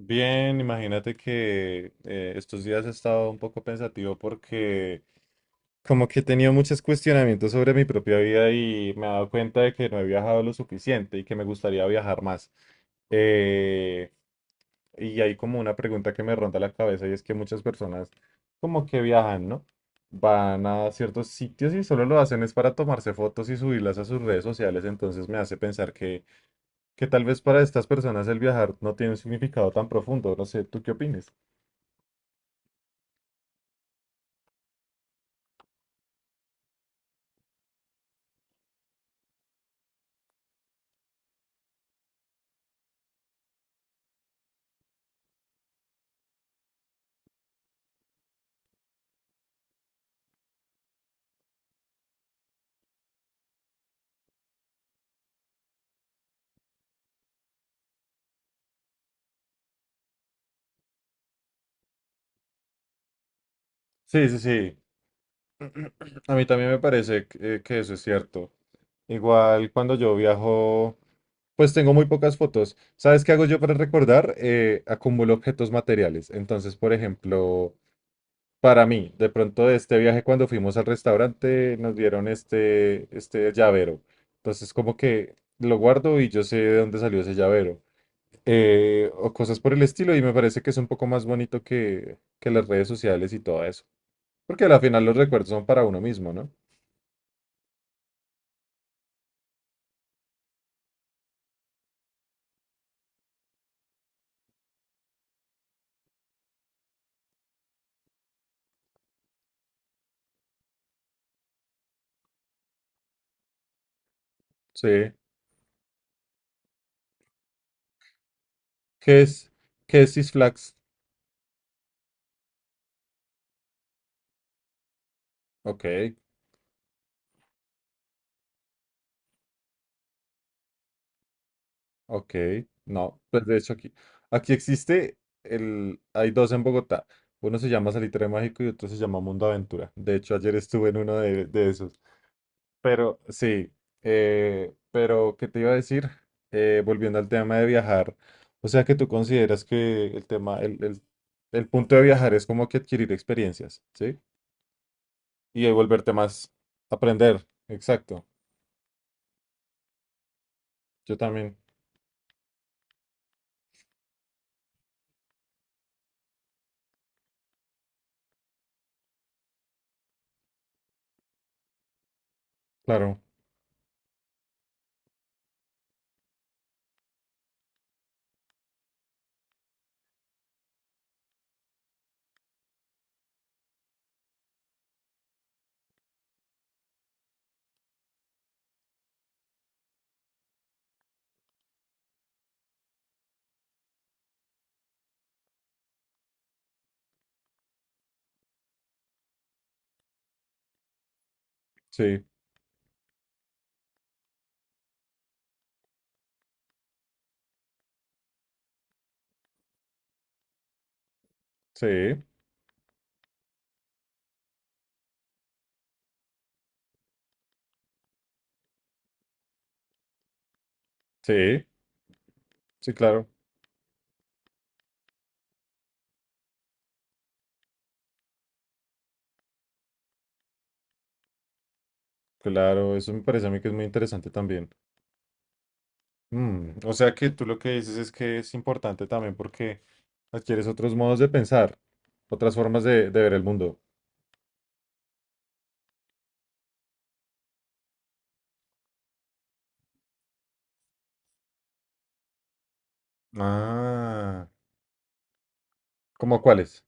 Bien, imagínate que estos días he estado un poco pensativo porque como que he tenido muchos cuestionamientos sobre mi propia vida y me he dado cuenta de que no he viajado lo suficiente y que me gustaría viajar más. Eh, y hay como una pregunta que me ronda la cabeza y es que muchas personas como que viajan, ¿no? Van a ciertos sitios y solo lo hacen es para tomarse fotos y subirlas a sus redes sociales, entonces me hace pensar que tal vez para estas personas el viajar no tiene un significado tan profundo, no sé, ¿tú qué opinas? Sí, sí, sí. A mí también me parece que eso es cierto. Igual cuando yo viajo, pues tengo muy pocas fotos. ¿Sabes qué hago yo para recordar? Acumulo objetos materiales. Entonces, por ejemplo, para mí, de pronto de este viaje cuando fuimos al restaurante, nos dieron este llavero. Entonces, como que lo guardo y yo sé de dónde salió ese llavero. O cosas por el estilo y me parece que es un poco más bonito que las redes sociales y todo eso. Porque al final los recuerdos son para uno mismo, ¿no? Sí. ¿Qué es, qué es Six Flags? Ok, ok. No, pues de hecho aquí, aquí existe hay 2 en Bogotá. Uno se llama Salitre Mágico y otro se llama Mundo Aventura. De hecho, ayer estuve en uno de esos. Pero sí, pero ¿qué te iba a decir? Volviendo al tema de viajar, o sea que tú consideras que el tema, el punto de viajar es como que adquirir experiencias, ¿sí? Y de volverte más, aprender, exacto. Yo también, claro. Sí, sí, sí, sí, claro, claro, eso me parece a mí que es muy interesante también. Mm, o sea que tú lo que dices es que es importante también porque adquieres otros modos de pensar, otras formas de ver el mundo. Ah, ¿cómo cuáles?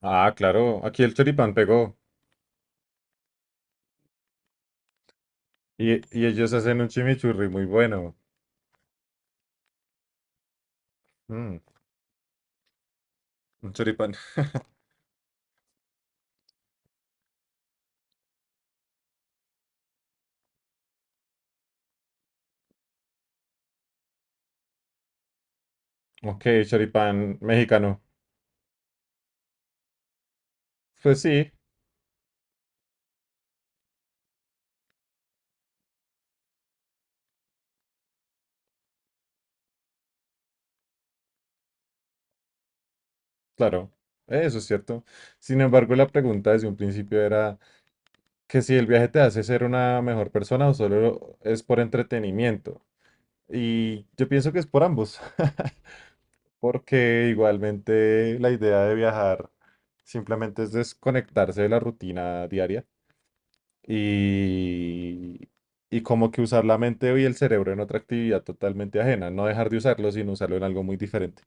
Ah, claro, aquí el choripán pegó y ellos hacen un chimichurri muy bueno. Mm, un choripán. Ok, choripán mexicano. Pues sí. Claro, eso es cierto. Sin embargo, la pregunta desde un principio era que si el viaje te hace ser una mejor persona o solo es por entretenimiento. Y yo pienso que es por ambos, porque igualmente la idea de viajar simplemente es desconectarse de la rutina diaria y, y como que usar la mente y el cerebro en otra actividad totalmente ajena, no dejar de usarlo, sino usarlo en algo muy diferente.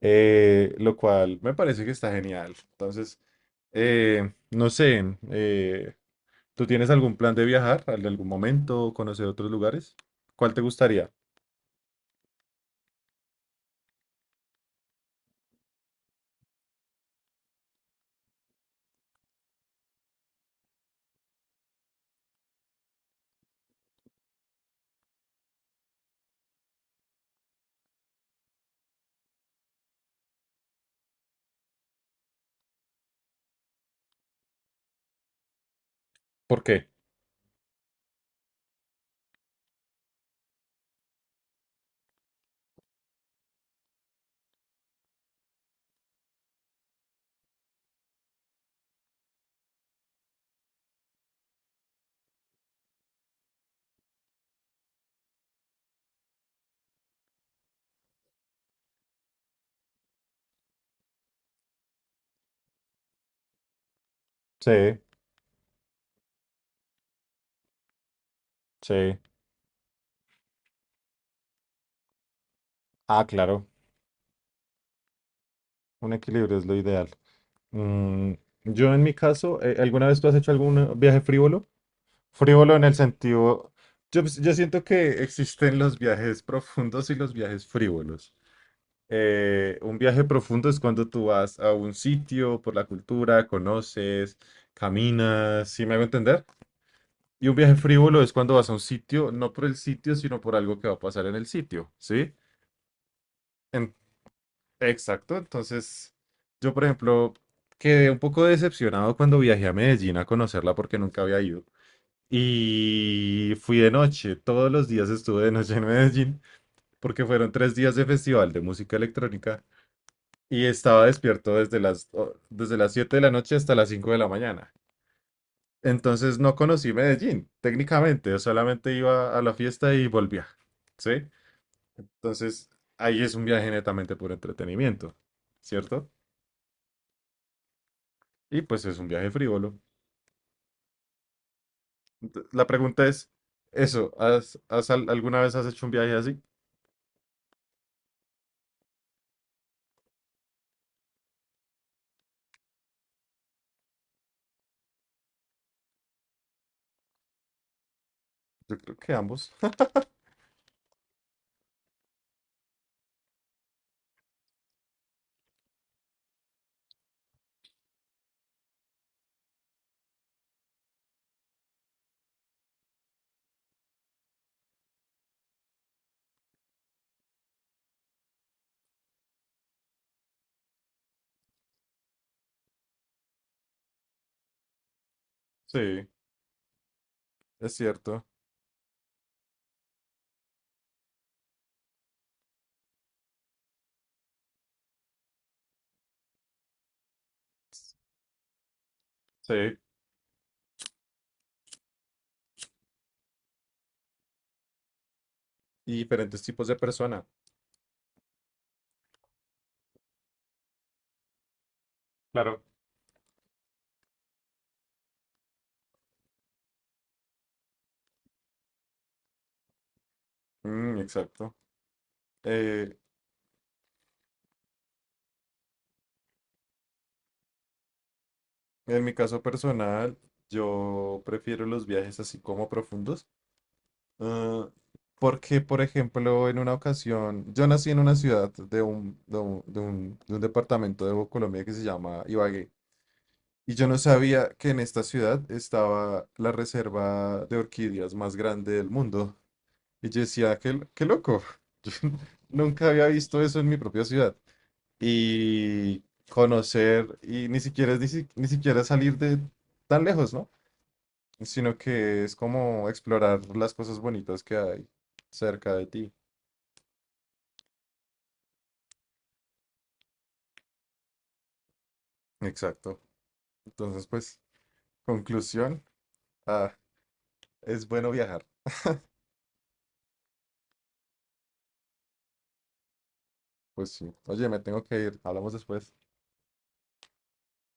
Lo cual me parece que está genial. Entonces… no sé, ¿Tú tienes algún plan de viajar en algún momento, conocer otros lugares? ¿Cuál te gustaría? ¿Por qué? Sí, sí. Ah, claro, un equilibrio es lo ideal. Mm, yo en mi caso, ¿alguna vez tú has hecho algún viaje frívolo? Frívolo en el sentido, yo siento que existen los viajes profundos y los viajes frívolos. Un viaje profundo es cuando tú vas a un sitio por la cultura, conoces, caminas, ¿sí me hago entender? Y un viaje frívolo es cuando vas a un sitio, no por el sitio, sino por algo que va a pasar en el sitio, ¿sí? En- exacto, entonces yo, por ejemplo, quedé un poco decepcionado cuando viajé a Medellín a conocerla porque nunca había ido. Y fui de noche, todos los días estuve de noche en Medellín porque fueron 3 días de festival de música electrónica y estaba despierto desde las 7 de la noche hasta las 5 de la mañana. Entonces no conocí Medellín, técnicamente, yo solamente iba a la fiesta y volvía, ¿sí? Entonces ahí es un viaje netamente por entretenimiento, ¿cierto? Y pues es un viaje frívolo. La pregunta es, eso, ¿alguna vez has hecho un viaje así? Yo creo que ambos. Sí, es cierto. Sí, y diferentes tipos de persona. Claro. Mm, exacto. Eh, en mi caso personal, yo prefiero los viajes así como profundos. Ah, porque, por ejemplo, en una ocasión, yo nací en una ciudad de de un departamento de Colombia que se llama Ibagué, y yo no sabía que en esta ciudad estaba la reserva de orquídeas más grande del mundo. Y yo decía, qué loco, yo nunca había visto eso en mi propia ciudad. Y conocer, y ni siquiera, es ni, si- ni siquiera salir de tan lejos, ¿no? Sino que es como explorar las cosas bonitas que hay cerca de ti. Exacto. Entonces, pues, conclusión, ah, es bueno viajar. Pues sí. Oye, me tengo que ir. Hablamos después.